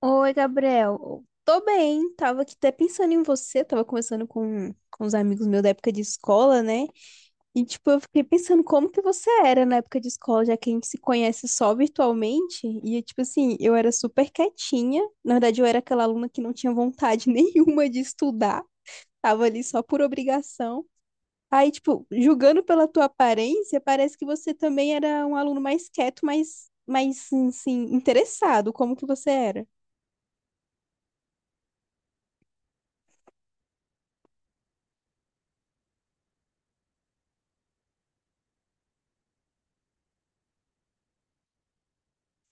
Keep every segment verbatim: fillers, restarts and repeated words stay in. Oi, Gabriel. Tô bem, tava aqui até pensando em você, tava conversando com, com os amigos meus da época de escola, né? E, tipo, eu fiquei pensando como que você era na época de escola, já que a gente se conhece só virtualmente. E, tipo assim, eu era super quietinha. Na verdade, eu era aquela aluna que não tinha vontade nenhuma de estudar, tava ali só por obrigação. Aí, tipo, julgando pela tua aparência, parece que você também era um aluno mais quieto, mais, mais, assim, interessado. Como que você era?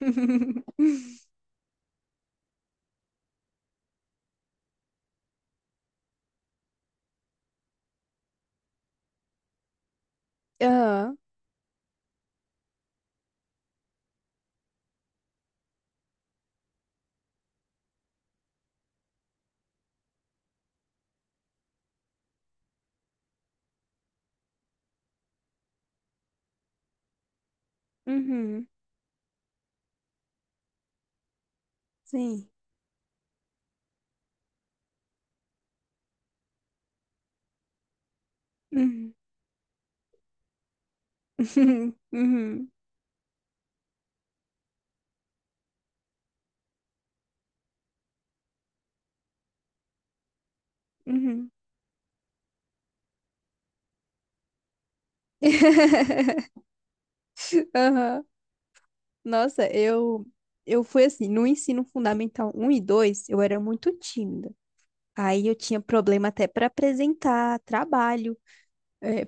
Aham. Uhum. Sim. Uhum. Uhum. Uhum. Aham. Nossa, eu eu fui assim, no ensino fundamental um e dois, eu era muito tímida. Aí eu tinha problema até para apresentar trabalho,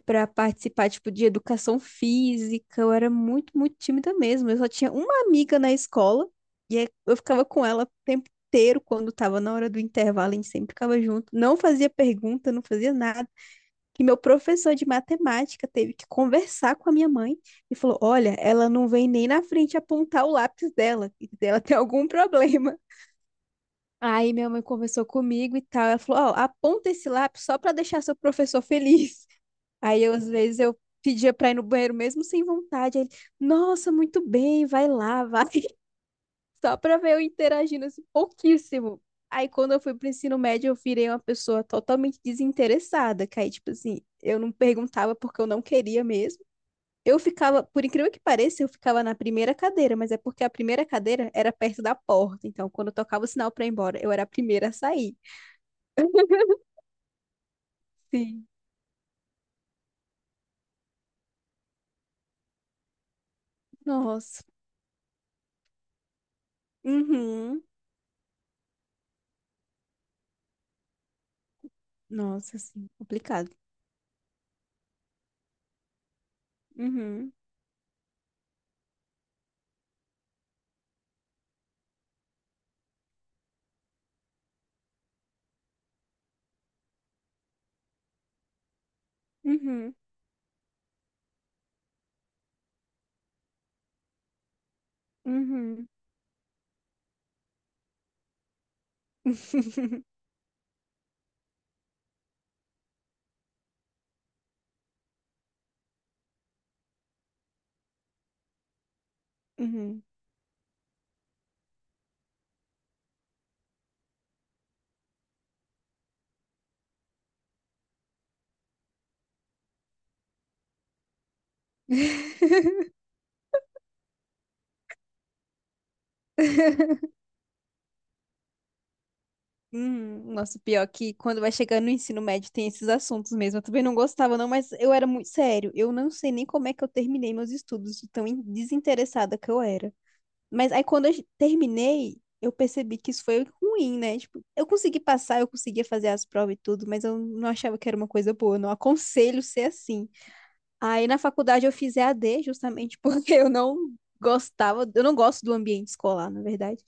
para participar tipo de educação física, eu era muito, muito tímida mesmo. Eu só tinha uma amiga na escola e aí eu ficava com ela o tempo inteiro quando estava na hora do intervalo, a gente sempre ficava junto. Não fazia pergunta, não fazia nada. Que meu professor de matemática teve que conversar com a minha mãe e falou: Olha, ela não vem nem na frente apontar o lápis dela, e ela tem algum problema. Aí minha mãe conversou comigo e tal. Ela falou: Ó, aponta esse lápis só para deixar seu professor feliz. Aí eu, às vezes eu pedia para ir no banheiro mesmo sem vontade. Aí ele: Nossa, muito bem, vai lá, vai. Só pra ver eu interagindo assim, pouquíssimo. Aí quando eu fui pro ensino médio, eu virei uma pessoa totalmente desinteressada, que aí, tipo assim, eu não perguntava porque eu não queria mesmo. Eu ficava, por incrível que pareça, eu ficava na primeira cadeira, mas é porque a primeira cadeira era perto da porta, então quando eu tocava o sinal pra ir embora, eu era a primeira a sair. Sim. Nossa. Uhum. Nossa, assim, complicado. Uhum. Uhum. Uhum. Uhum. Hum, nossa, pior é que quando vai chegando no ensino médio tem esses assuntos mesmo. Eu também não gostava, não, mas eu era muito sério. Eu não sei nem como é que eu terminei meus estudos, de tão in- desinteressada que eu era. Mas aí quando eu j- terminei, eu percebi que isso foi ruim, né? Tipo, eu consegui passar, eu conseguia fazer as provas e tudo, mas eu não achava que era uma coisa boa. Eu não aconselho ser assim. Aí na faculdade eu fiz E a d justamente porque eu não gostava, eu não gosto do ambiente escolar, na verdade.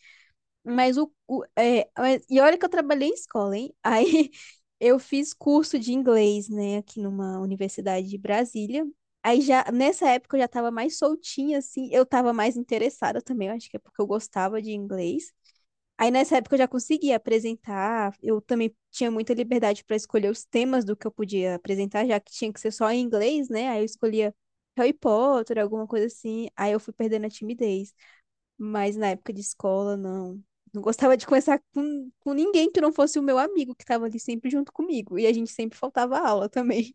Mas o, o é, mas- e olha que eu trabalhei em escola, hein? Aí eu fiz curso de inglês, né, aqui numa universidade de Brasília. Aí já nessa época eu já tava mais soltinha assim, eu tava mais interessada também, eu acho que é porque eu gostava de inglês. Aí nessa época eu já conseguia apresentar, eu também tinha muita liberdade para escolher os temas do que eu podia apresentar, já que tinha que ser só em inglês, né? Aí eu escolhia Harry Potter, alguma coisa assim. Aí eu fui perdendo a timidez. Mas na época de escola, não. Não gostava de conversar com, com ninguém que não fosse o meu amigo, que estava ali sempre junto comigo. E a gente sempre faltava aula também.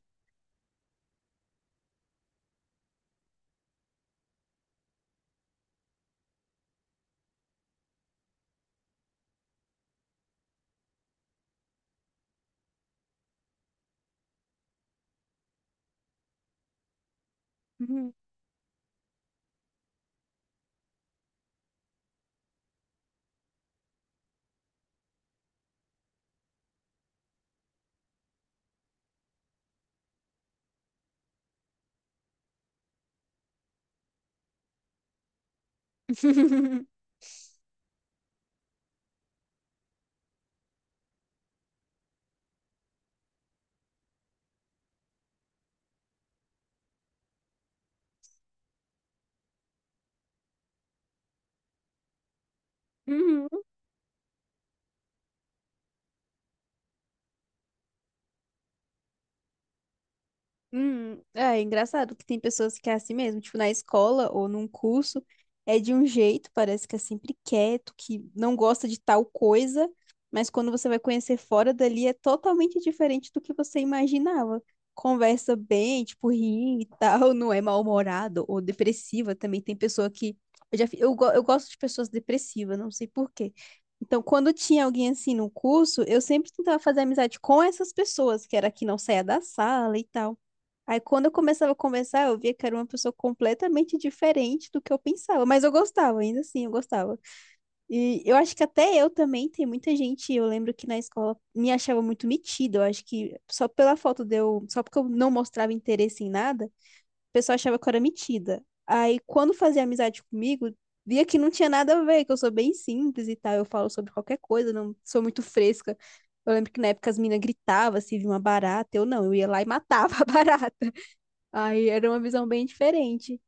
Uhum. Hum, é engraçado que tem pessoas que é assim mesmo, tipo na escola ou num curso, é de um jeito, parece que é sempre quieto, que não gosta de tal coisa, mas quando você vai conhecer fora dali é totalmente diferente do que você imaginava. Conversa bem, tipo, ri e tal, não é mal-humorado ou depressiva também. Tem pessoa que. Eu, já, fi- eu, go- eu gosto de pessoas depressivas, não sei por quê. Então, quando tinha alguém assim no curso, eu sempre tentava fazer amizade com essas pessoas, que era que não saía da sala e tal. Aí quando eu começava a conversar, eu via que era uma pessoa completamente diferente do que eu pensava, mas eu gostava, ainda assim, eu gostava. E eu acho que até eu também, tem muita gente, eu lembro que na escola me achava muito metida, eu acho que só pela foto de eu, só porque eu não mostrava interesse em nada, o pessoal achava que eu era metida. Aí quando fazia amizade comigo, via que não tinha nada a ver, que eu sou bem simples e tal, eu falo sobre qualquer coisa, não sou muito fresca. Eu lembro que na época as meninas gritavam se via uma barata, eu não, eu ia lá e matava a barata. Aí era uma visão bem diferente.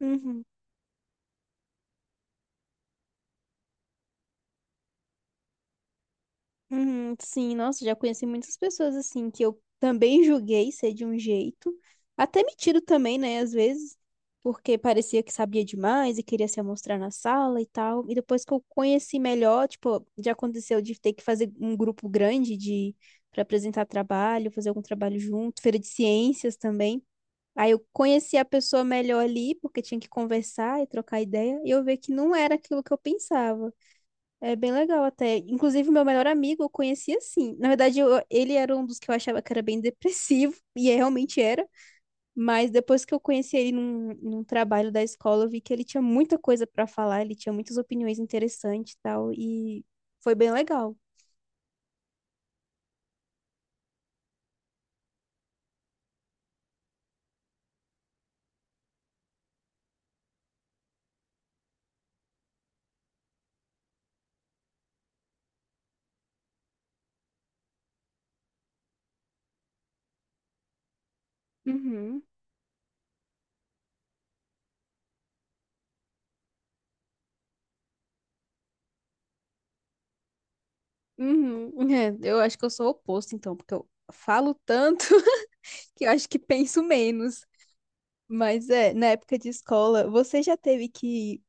Uhum, uhum, sim, nossa, já conheci muitas pessoas assim que eu também julguei ser de um jeito, até metido também, né, às vezes, porque parecia que sabia demais e queria se mostrar na sala e tal. E depois que eu conheci melhor, tipo, já aconteceu de ter que fazer um grupo grande de para apresentar trabalho, fazer algum trabalho junto, feira de ciências também. Aí eu conheci a pessoa melhor ali, porque tinha que conversar e trocar ideia, e eu vi que não era aquilo que eu pensava. É bem legal até. Inclusive, meu melhor amigo eu conheci assim. Na verdade, eu- ele era um dos que eu achava que era bem depressivo, e é, realmente era. Mas depois que eu conheci ele num, num trabalho da escola, eu vi que ele tinha muita coisa pra falar, ele tinha muitas opiniões interessantes e tal, e foi bem legal. Uhum. Uhum. É, eu acho que eu sou o oposto, então, porque eu falo tanto que eu acho que penso menos. Mas é, na época de escola, você já teve que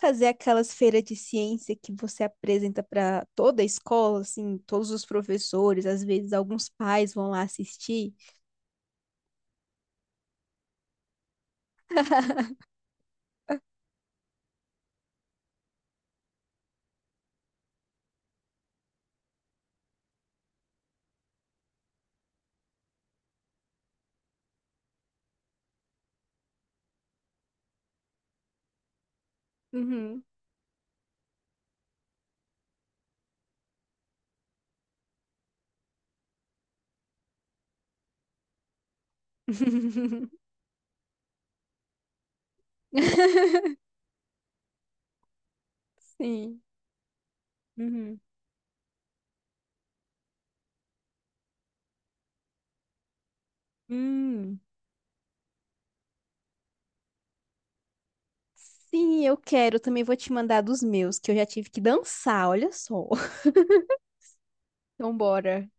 fazer aquelas feiras de ciência que você apresenta para toda a escola, assim, todos os professores, às vezes alguns pais vão lá assistir? Uhum. Sim. Uhum. Hum. Sim, eu quero. Também vou te mandar dos meus, que eu já tive que dançar, olha só. Então, bora.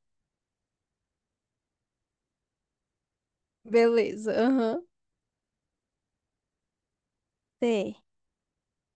Beleza. Aham. Até.